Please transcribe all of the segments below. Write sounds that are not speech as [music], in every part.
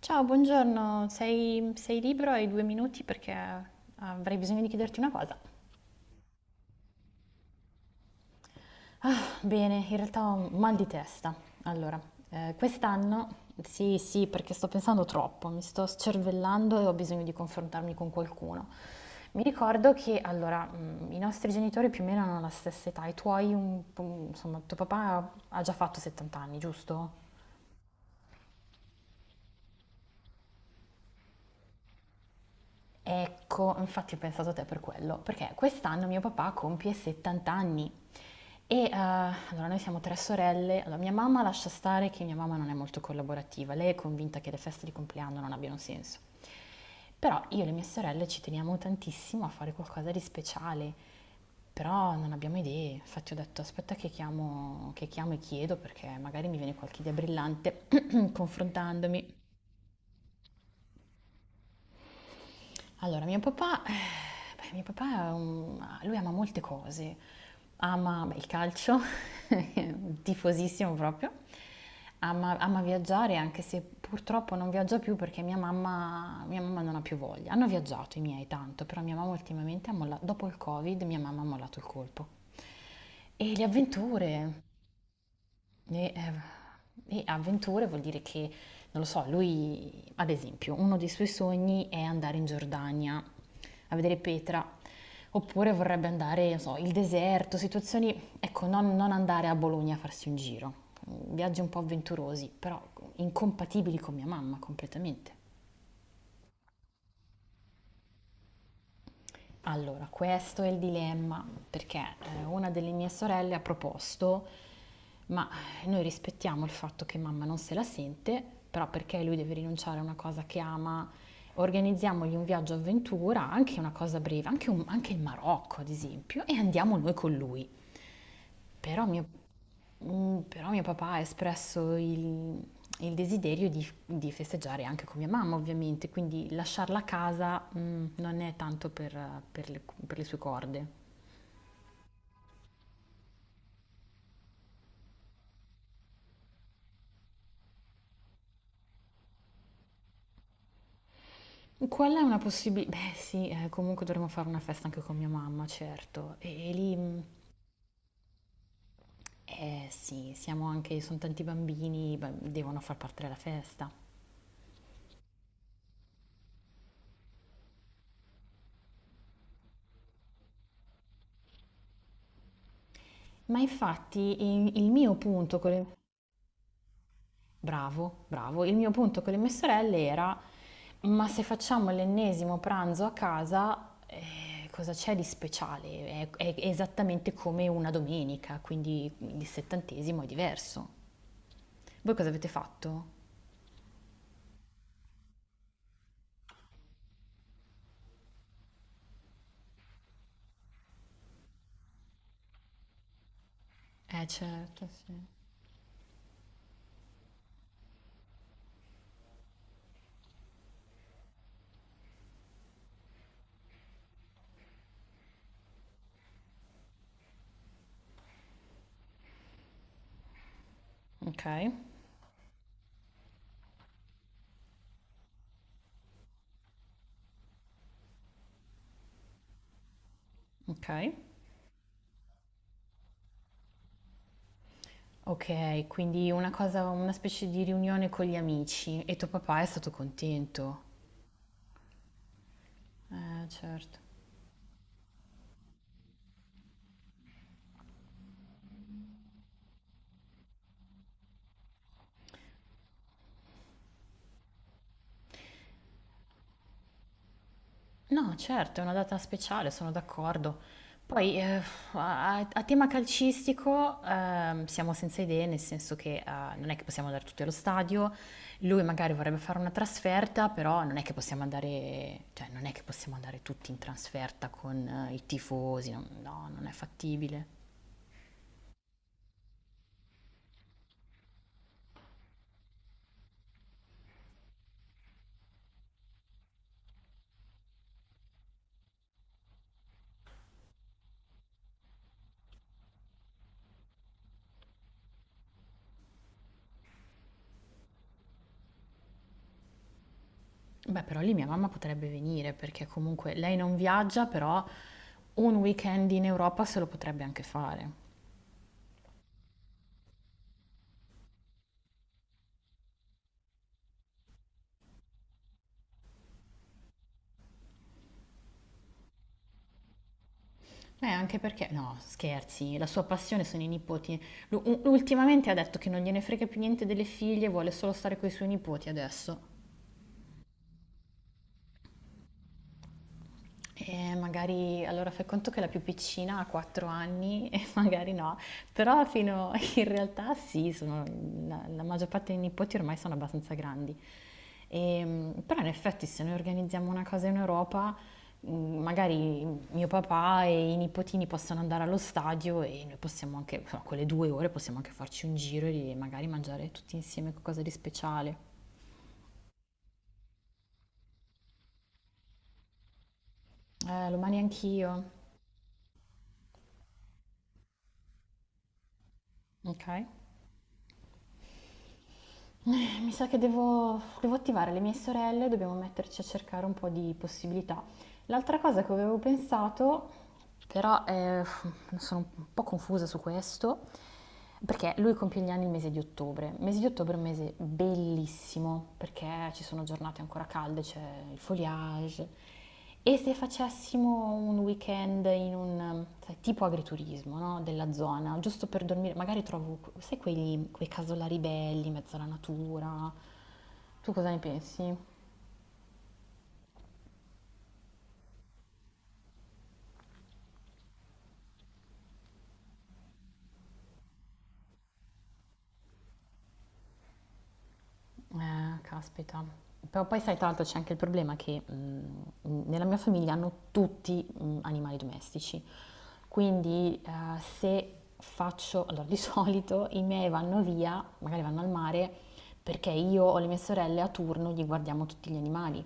Ciao, buongiorno, sei libero? Hai due minuti perché avrei bisogno di chiederti una cosa. Bene, in realtà ho un mal di testa. Allora, quest'anno, sì, sì, perché sto pensando troppo, mi sto scervellando e ho bisogno di confrontarmi con qualcuno. Mi ricordo che, allora, i nostri genitori più o meno hanno la stessa età, i tuoi, un po', insomma, tuo papà ha già fatto 70 anni, giusto? Ecco, infatti ho pensato a te per quello, perché quest'anno mio papà compie 70 anni e allora noi siamo tre sorelle, allora mia mamma lascia stare che mia mamma non è molto collaborativa, lei è convinta che le feste di compleanno non abbiano senso, però io e le mie sorelle ci teniamo tantissimo a fare qualcosa di speciale, però non abbiamo idee, infatti ho detto aspetta che chiamo e chiedo perché magari mi viene qualche idea brillante [clears throat] [coughs] confrontandomi. Allora, mio papà, beh, mio papà è un- lui ama molte cose. Ama beh, il calcio, [laughs] tifosissimo proprio. Ama viaggiare, anche se purtroppo non viaggia più perché mia mamma non ha più voglia. Hanno viaggiato i miei tanto, però mia mamma ultimamente ha mollato, dopo il Covid, mia mamma ha mollato il colpo. E le avventure. E, eh, e avventure vuol dire che, non lo so, lui, ad esempio, uno dei suoi sogni è andare in Giordania a vedere Petra, oppure vorrebbe andare, non so, il deserto, situazioni, ecco, non andare a Bologna a farsi un giro, viaggi un po' avventurosi, però incompatibili con mia mamma completamente. Allora, questo è il dilemma, perché una delle mie sorelle ha proposto, ma noi rispettiamo il fatto che mamma non se la sente, però perché lui deve rinunciare a una cosa che ama, organizziamogli un viaggio avventura, anche una cosa breve, anche il Marocco ad esempio, e andiamo noi con lui. Però mio Però mio papà ha espresso il desiderio di festeggiare anche con mia mamma, ovviamente, quindi lasciarla a casa, non è tanto per per le sue corde. Quella è una possibilità. Beh, sì, comunque dovremmo fare una festa anche con mia mamma, certo. E lì, eh sì, siamo anche, sono tanti bambini, beh, devono far parte della festa. Ma infatti il mio punto con le Bravo, bravo. Il mio punto con le mie sorelle era, ma se facciamo l'ennesimo pranzo a casa, cosa c'è di speciale? È esattamente come una domenica, quindi il settantesimo è diverso. Voi cosa avete fatto? Certo, sì. Ok, ok. Ok, quindi una cosa, una specie di riunione con gli amici e tuo papà è stato contento. Certo. No, certo, è una data speciale, sono d'accordo. Poi, a tema calcistico, siamo senza idee, nel senso che non è che possiamo andare tutti allo stadio, lui magari vorrebbe fare una trasferta, però non è che possiamo andare, cioè, non è che possiamo andare tutti in trasferta con i tifosi, no, no, non è fattibile. Beh, però lì mia mamma potrebbe venire, perché comunque lei non viaggia, però un weekend in Europa se lo potrebbe anche fare. Anche perché, no, scherzi, la sua passione sono i nipoti. Ultimamente ha detto che non gliene frega più niente delle figlie, vuole solo stare con i suoi nipoti adesso. Magari allora fai conto che la più piccina ha 4 anni [laughs] e magari no, però fino [laughs] in realtà sì, la maggior parte dei nipoti ormai sono abbastanza grandi. Però in effetti se noi organizziamo una cosa in Europa, mh, magari mio papà e i nipotini possono andare allo stadio e noi possiamo anche, insomma, quelle due ore possiamo anche farci un giro e magari mangiare tutti insieme qualcosa di speciale. Lo mani anch'io, ok? Mi sa che devo attivare le mie sorelle, dobbiamo metterci a cercare un po' di possibilità. L'altra cosa che avevo pensato, però sono un po' confusa su questo, perché lui compie gli anni il mese di ottobre. Il mese di ottobre è un mese bellissimo, perché ci sono giornate ancora calde, c'è il foliage. E se facessimo un weekend in un, sai, tipo agriturismo, no? Della zona, giusto per dormire, magari trovo, sai, quei casolari belli, in mezzo alla natura. Tu cosa ne pensi? Caspita. Però poi sai, tra l'altro c'è anche il problema che nella mia famiglia hanno tutti animali domestici, quindi se faccio, allora di [laughs] solito i miei vanno via, magari vanno al mare, perché io o le mie sorelle a turno gli guardiamo tutti gli animali.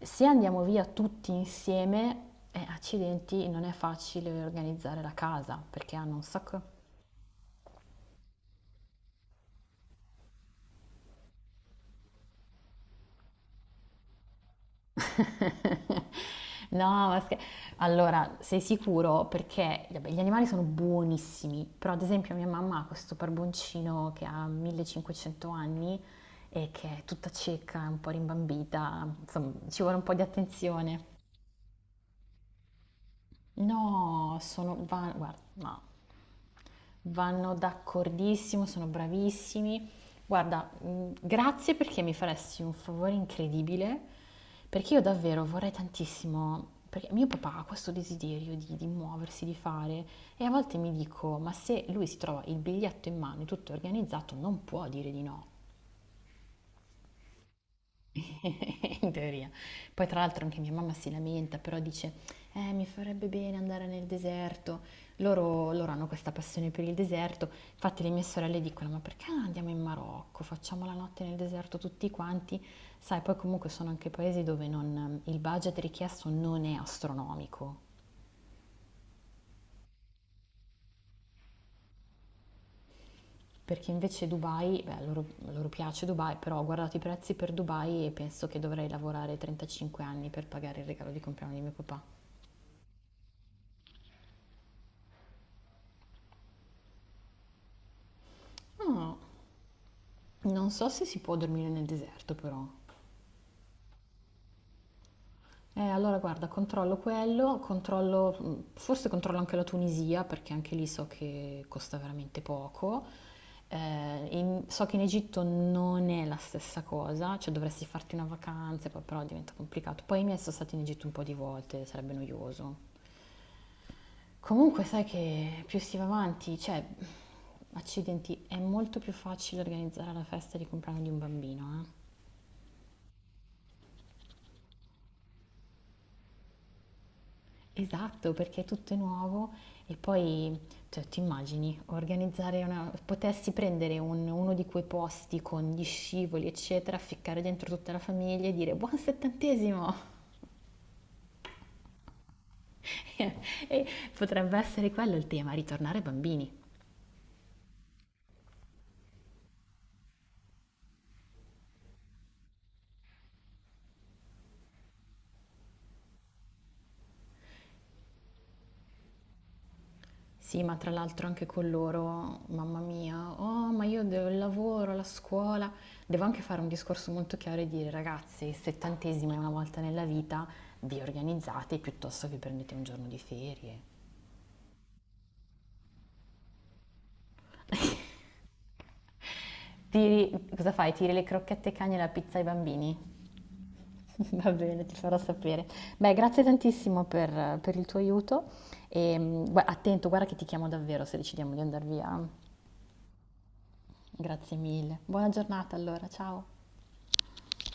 Se andiamo via tutti insieme, accidenti, non è facile organizzare la casa, perché hanno un sacco. [laughs] No, ma scher- allora sei sicuro? Perché vabbè, gli animali sono buonissimi, però ad esempio mia mamma ha questo barboncino che ha 1.500 anni e che è tutta cieca, un po' rimbambita, insomma ci vuole un po' di attenzione. Guarda, no, vanno d'accordissimo, sono bravissimi. Guarda, grazie perché mi faresti un favore incredibile, perché io davvero vorrei tantissimo, perché mio papà ha questo desiderio di muoversi, di fare, e a volte mi dico, ma se lui si trova il biglietto in mano e tutto è organizzato, non può dire di no. [laughs] In teoria. Poi tra l'altro anche mia mamma si lamenta, però dice, mi farebbe bene andare nel deserto. Loro hanno questa passione per il deserto, infatti le mie sorelle dicono, ma perché non andiamo in Marocco? Facciamo la notte nel deserto tutti quanti. Sai, poi comunque sono anche paesi dove il budget richiesto non è astronomico, perché invece Dubai, beh, loro piace Dubai, però ho guardato i prezzi per Dubai e penso che dovrei lavorare 35 anni per pagare il regalo di compleanno di mio papà. No. Non so se si può dormire nel deserto però. Allora guarda, controllo quello, controllo, forse controllo anche la Tunisia perché anche lì so che costa veramente poco. So che in Egitto non è la stessa cosa, cioè dovresti farti una vacanza, poi però diventa complicato. Poi i miei sono stati in Egitto un po' di volte, sarebbe noioso. Comunque sai che più si va avanti, cioè, accidenti, è molto più facile organizzare la festa di compleanno di un bambino, eh. Esatto, perché è tutto è nuovo e poi, cioè, ti immagini organizzare una... potessi prendere uno di quei posti con gli scivoli, eccetera, ficcare dentro tutta la famiglia e dire buon settantesimo! [laughs] E potrebbe essere quello il tema, ritornare bambini. Sì, ma tra l'altro anche con loro, mamma mia, oh, ma io devo il lavoro, la scuola. Devo anche fare un discorso molto chiaro e dire, ragazzi, il settantesimo è una volta nella vita, vi organizzate piuttosto che prendete un giorno di ferie. [laughs] Tiri, cosa fai? Tiri le crocchette ai cani e la pizza ai bambini? [laughs] Va bene, ti farò sapere. Beh, grazie tantissimo per il tuo aiuto e attento, guarda che ti chiamo davvero se decidiamo di andare via. Grazie mille. Buona giornata allora, ciao.